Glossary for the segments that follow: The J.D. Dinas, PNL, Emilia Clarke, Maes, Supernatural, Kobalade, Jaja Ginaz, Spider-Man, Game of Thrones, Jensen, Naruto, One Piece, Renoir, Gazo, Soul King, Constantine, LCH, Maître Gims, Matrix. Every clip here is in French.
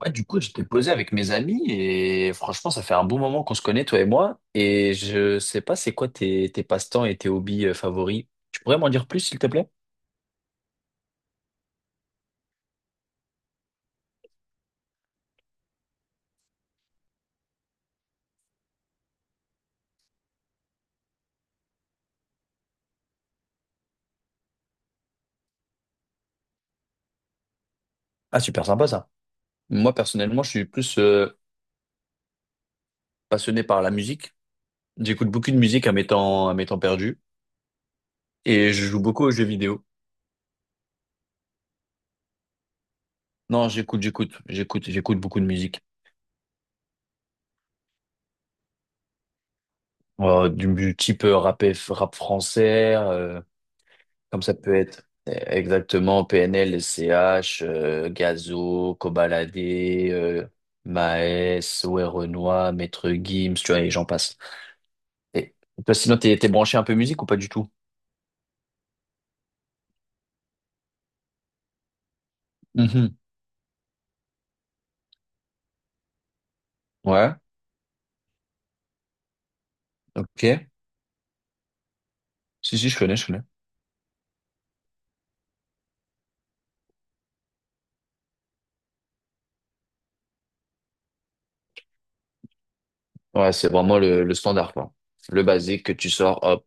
Ouais, du coup, j'étais posé avec mes amis et franchement, ça fait un bon moment qu'on se connaît, toi et moi. Et je sais pas, c'est quoi tes passe-temps et tes hobbies favoris? Tu pourrais m'en dire plus, s'il te plaît? Ah, super sympa ça. Moi, personnellement, je suis plus passionné par la musique. J'écoute beaucoup de musique à mes temps perdus et je joue beaucoup aux jeux vidéo. Non, j'écoute beaucoup de musique. Du type rap, rap français, comme ça peut être, exactement PNL, LCH, Gazo, Kobalade, Maes, ouais, Renoir, Maître Gims, tu vois, et j'en passe. Et toi, sinon, t'es branché un peu musique ou pas du tout? Mhm. Ouais, ok. Si, si, je connais, je connais. Ouais, c'est vraiment le standard, quoi. Le basique que tu sors, hop.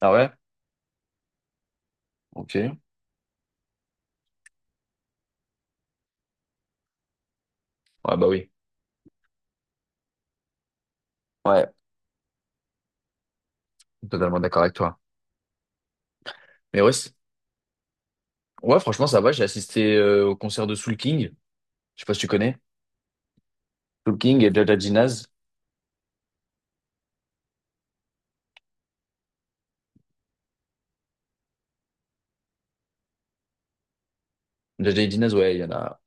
Ah ouais? Ok. Ouais, bah oui. Ouais, totalement d'accord avec toi. Mais ouais, ouais, franchement, ça va. J'ai assisté au concert de Soul King. Je sais pas si tu connais. Soul King et Jaja Ginaz. The J.D. Dinas, ouais, il y en a.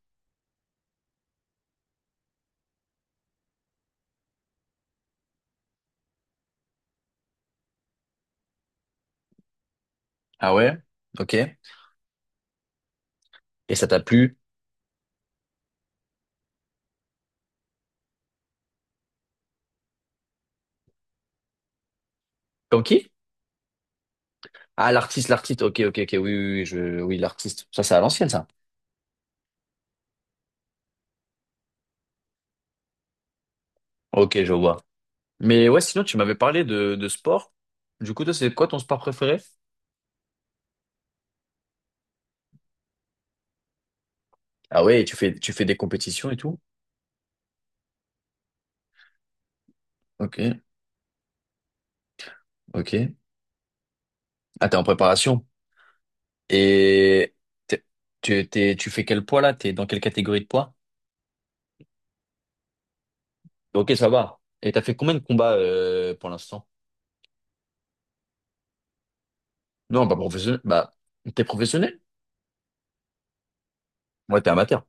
Ah ouais? Ok. Et ça t'a plu? Comme qui? Ah, l'artiste, l'artiste. Ok, ok, ok. Oui, oui, oui, oui, l'artiste. Ça, c'est à l'ancienne, ça. Ok, je vois. Mais ouais, sinon, tu m'avais parlé de sport. Du coup, toi, c'est quoi ton sport préféré? Ah ouais, tu fais des compétitions et tout? Ok, ok. Ah, t'es en préparation. Et t'es- tu fais quel poids là? T'es dans quelle catégorie de poids? Ok, ça va. Et t'as fait combien de combats pour l'instant? Non, pas professionnel. Bah, t'es professionnel? Ouais, t'es amateur.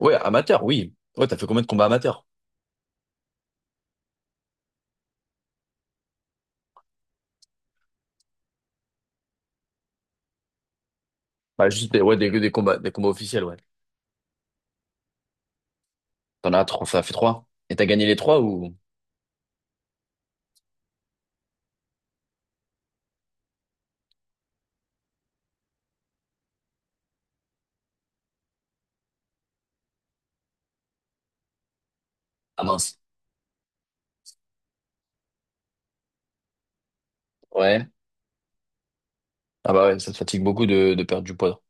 Ouais, amateur, oui. Ouais, t'as fait combien de combats amateurs? Bah, juste ouais, des combats officiels, ouais. T'en as trois, ça fait trois. Et t'as gagné les trois ou? Ah mince. Ouais. Ah bah ouais, ça te fatigue beaucoup de perdre du poids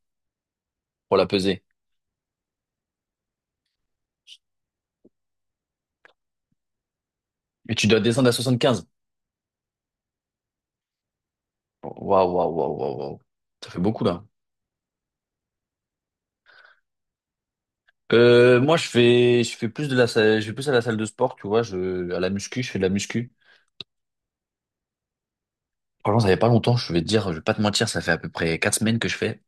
pour la peser. Et tu dois descendre à 75. Waouh, waouh, waouh, waouh, waouh. Ça fait beaucoup, là. Moi, je fais plus de la salle, je vais plus à la salle de sport, tu vois, à la muscu, je fais de la muscu. Franchement, ça fait pas longtemps, je vais te dire, je vais pas te mentir, ça fait à peu près 4 semaines que je fais.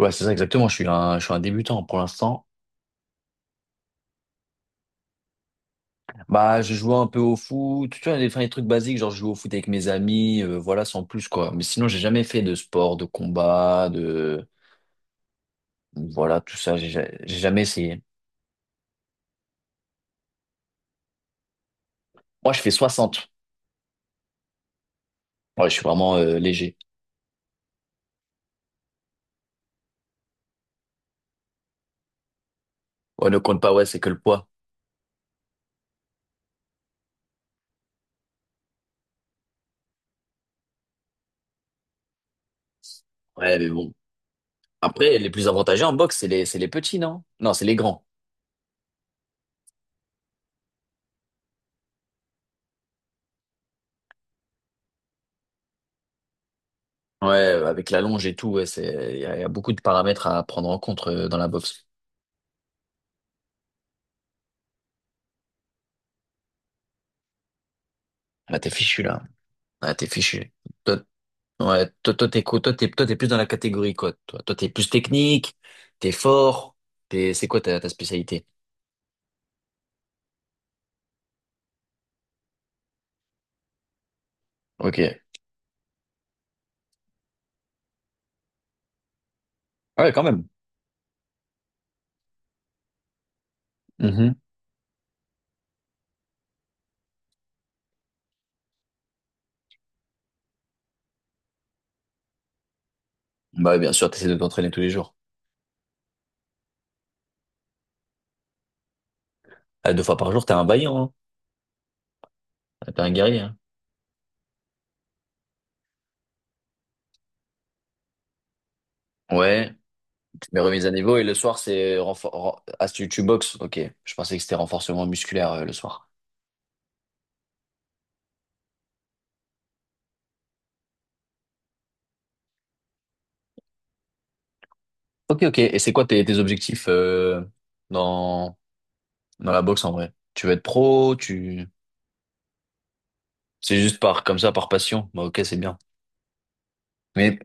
Ouais, c'est ça, exactement, je suis un débutant pour l'instant. Bah, je jouais un peu au foot, tu vois, des, enfin, des trucs basiques, genre je joue au foot avec mes amis, voilà, sans plus, quoi. Mais sinon, j'ai jamais fait de sport, de combat, de. Voilà, tout ça, j'ai jamais essayé. Moi, je fais soixante. Ouais, je suis vraiment léger. Ouais, ne compte pas, ouais, c'est que le poids. Ouais, mais bon. Après, les plus avantagés en boxe, c'est les petits, non? Non, c'est les grands. Ouais, avec la longe et tout, ouais, c'est, il y, a y a beaucoup de paramètres à prendre en compte dans la boxe. Là, t'es fichu, là. Là, t'es fichu. Toi, Ouais, toi, toi, t'es, quoi toi, t'es plus dans la catégorie quoi, toi? Toi, t'es plus technique, t'es fort, c'est quoi ta spécialité? Ok. Ah ouais, quand même. Mhm. Bah, bien sûr, t'essaies de t'entraîner tous les jours. Ah, deux fois par jour, t'es un vaillant, hein. Ah, t'es un guerrier, hein. Ouais, mais remises à niveau et le soir, c'est ah, tu boxes, ok. Je pensais que c'était renforcement musculaire le soir. Ok, ok. Et c'est quoi tes objectifs dans, dans la boxe en vrai? Tu veux être pro, tu. C'est juste comme ça, par passion. Bah, ok, c'est bien. Mais.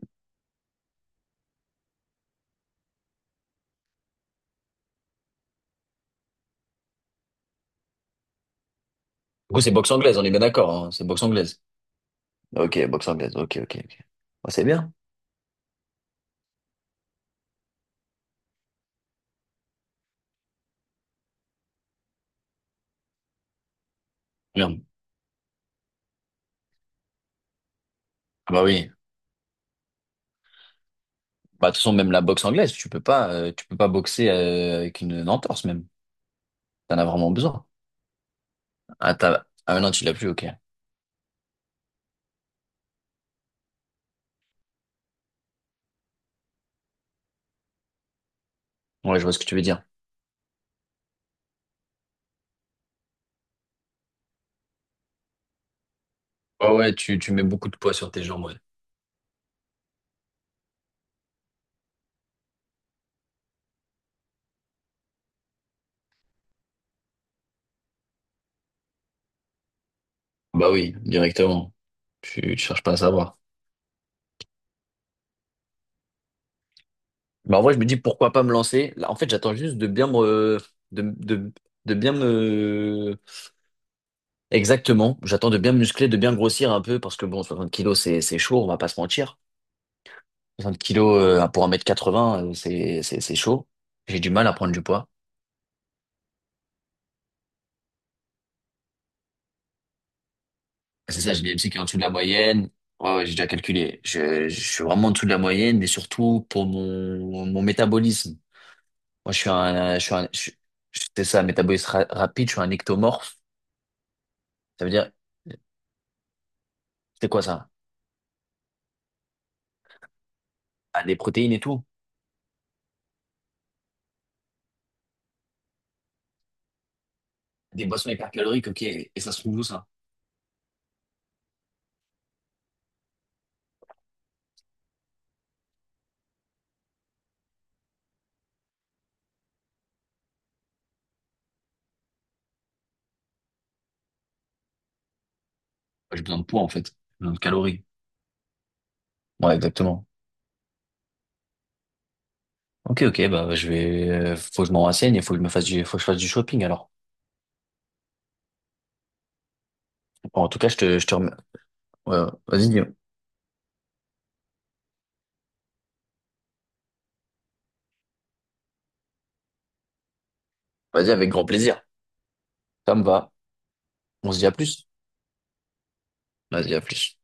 Du coup, c'est boxe anglaise, on est bien d'accord, hein, c'est boxe anglaise. Ok, boxe anglaise. Ok, ok, ok. Bah, c'est bien. Bien. Ah bah oui. Bah, de toute façon, même la boxe anglaise, tu peux pas boxer avec une entorse même. T'en as vraiment besoin. Ah non, tu l'as plus, ok. Ouais, je vois ce que tu veux dire. Ouais, ouais, tu mets beaucoup de poids sur tes jambes, ouais. Bah oui, directement. Tu cherches pas à savoir. Bah en vrai, je me dis pourquoi pas me lancer. Là, en fait, j'attends juste de, de, de bien me. Exactement. J'attends de bien me muscler, de bien grossir un peu parce que bon, 60 kilos, c'est chaud, on va pas se mentir. 60 kilos pour 1,80 m, c'est chaud. J'ai du mal à prendre du poids. C'est ça, j'ai des MC qui est en dessous de la moyenne. Ouais, ouais, j'ai déjà calculé. Je suis vraiment en dessous de la moyenne, mais surtout pour mon métabolisme. Moi, je suis un, je suis un, je- c'est ça, métabolisme rapide, je suis un ectomorphe. Ça veut dire, c'est quoi ça? Ah, des protéines et tout. Des boissons hypercaloriques, ok. Et ça se trouve où ça? Bah, j'ai besoin de poids, en fait. J'ai besoin de calories. Ouais, exactement. Ok, ok, bah, faut que je m'en renseigne et faut que je me fasse faut que je fasse du shopping alors. Bon, en tout cas, je te remets. Ouais, vas-y, vas-y avec grand plaisir. Ça me va. On se dit à plus. Vas-y, à plus.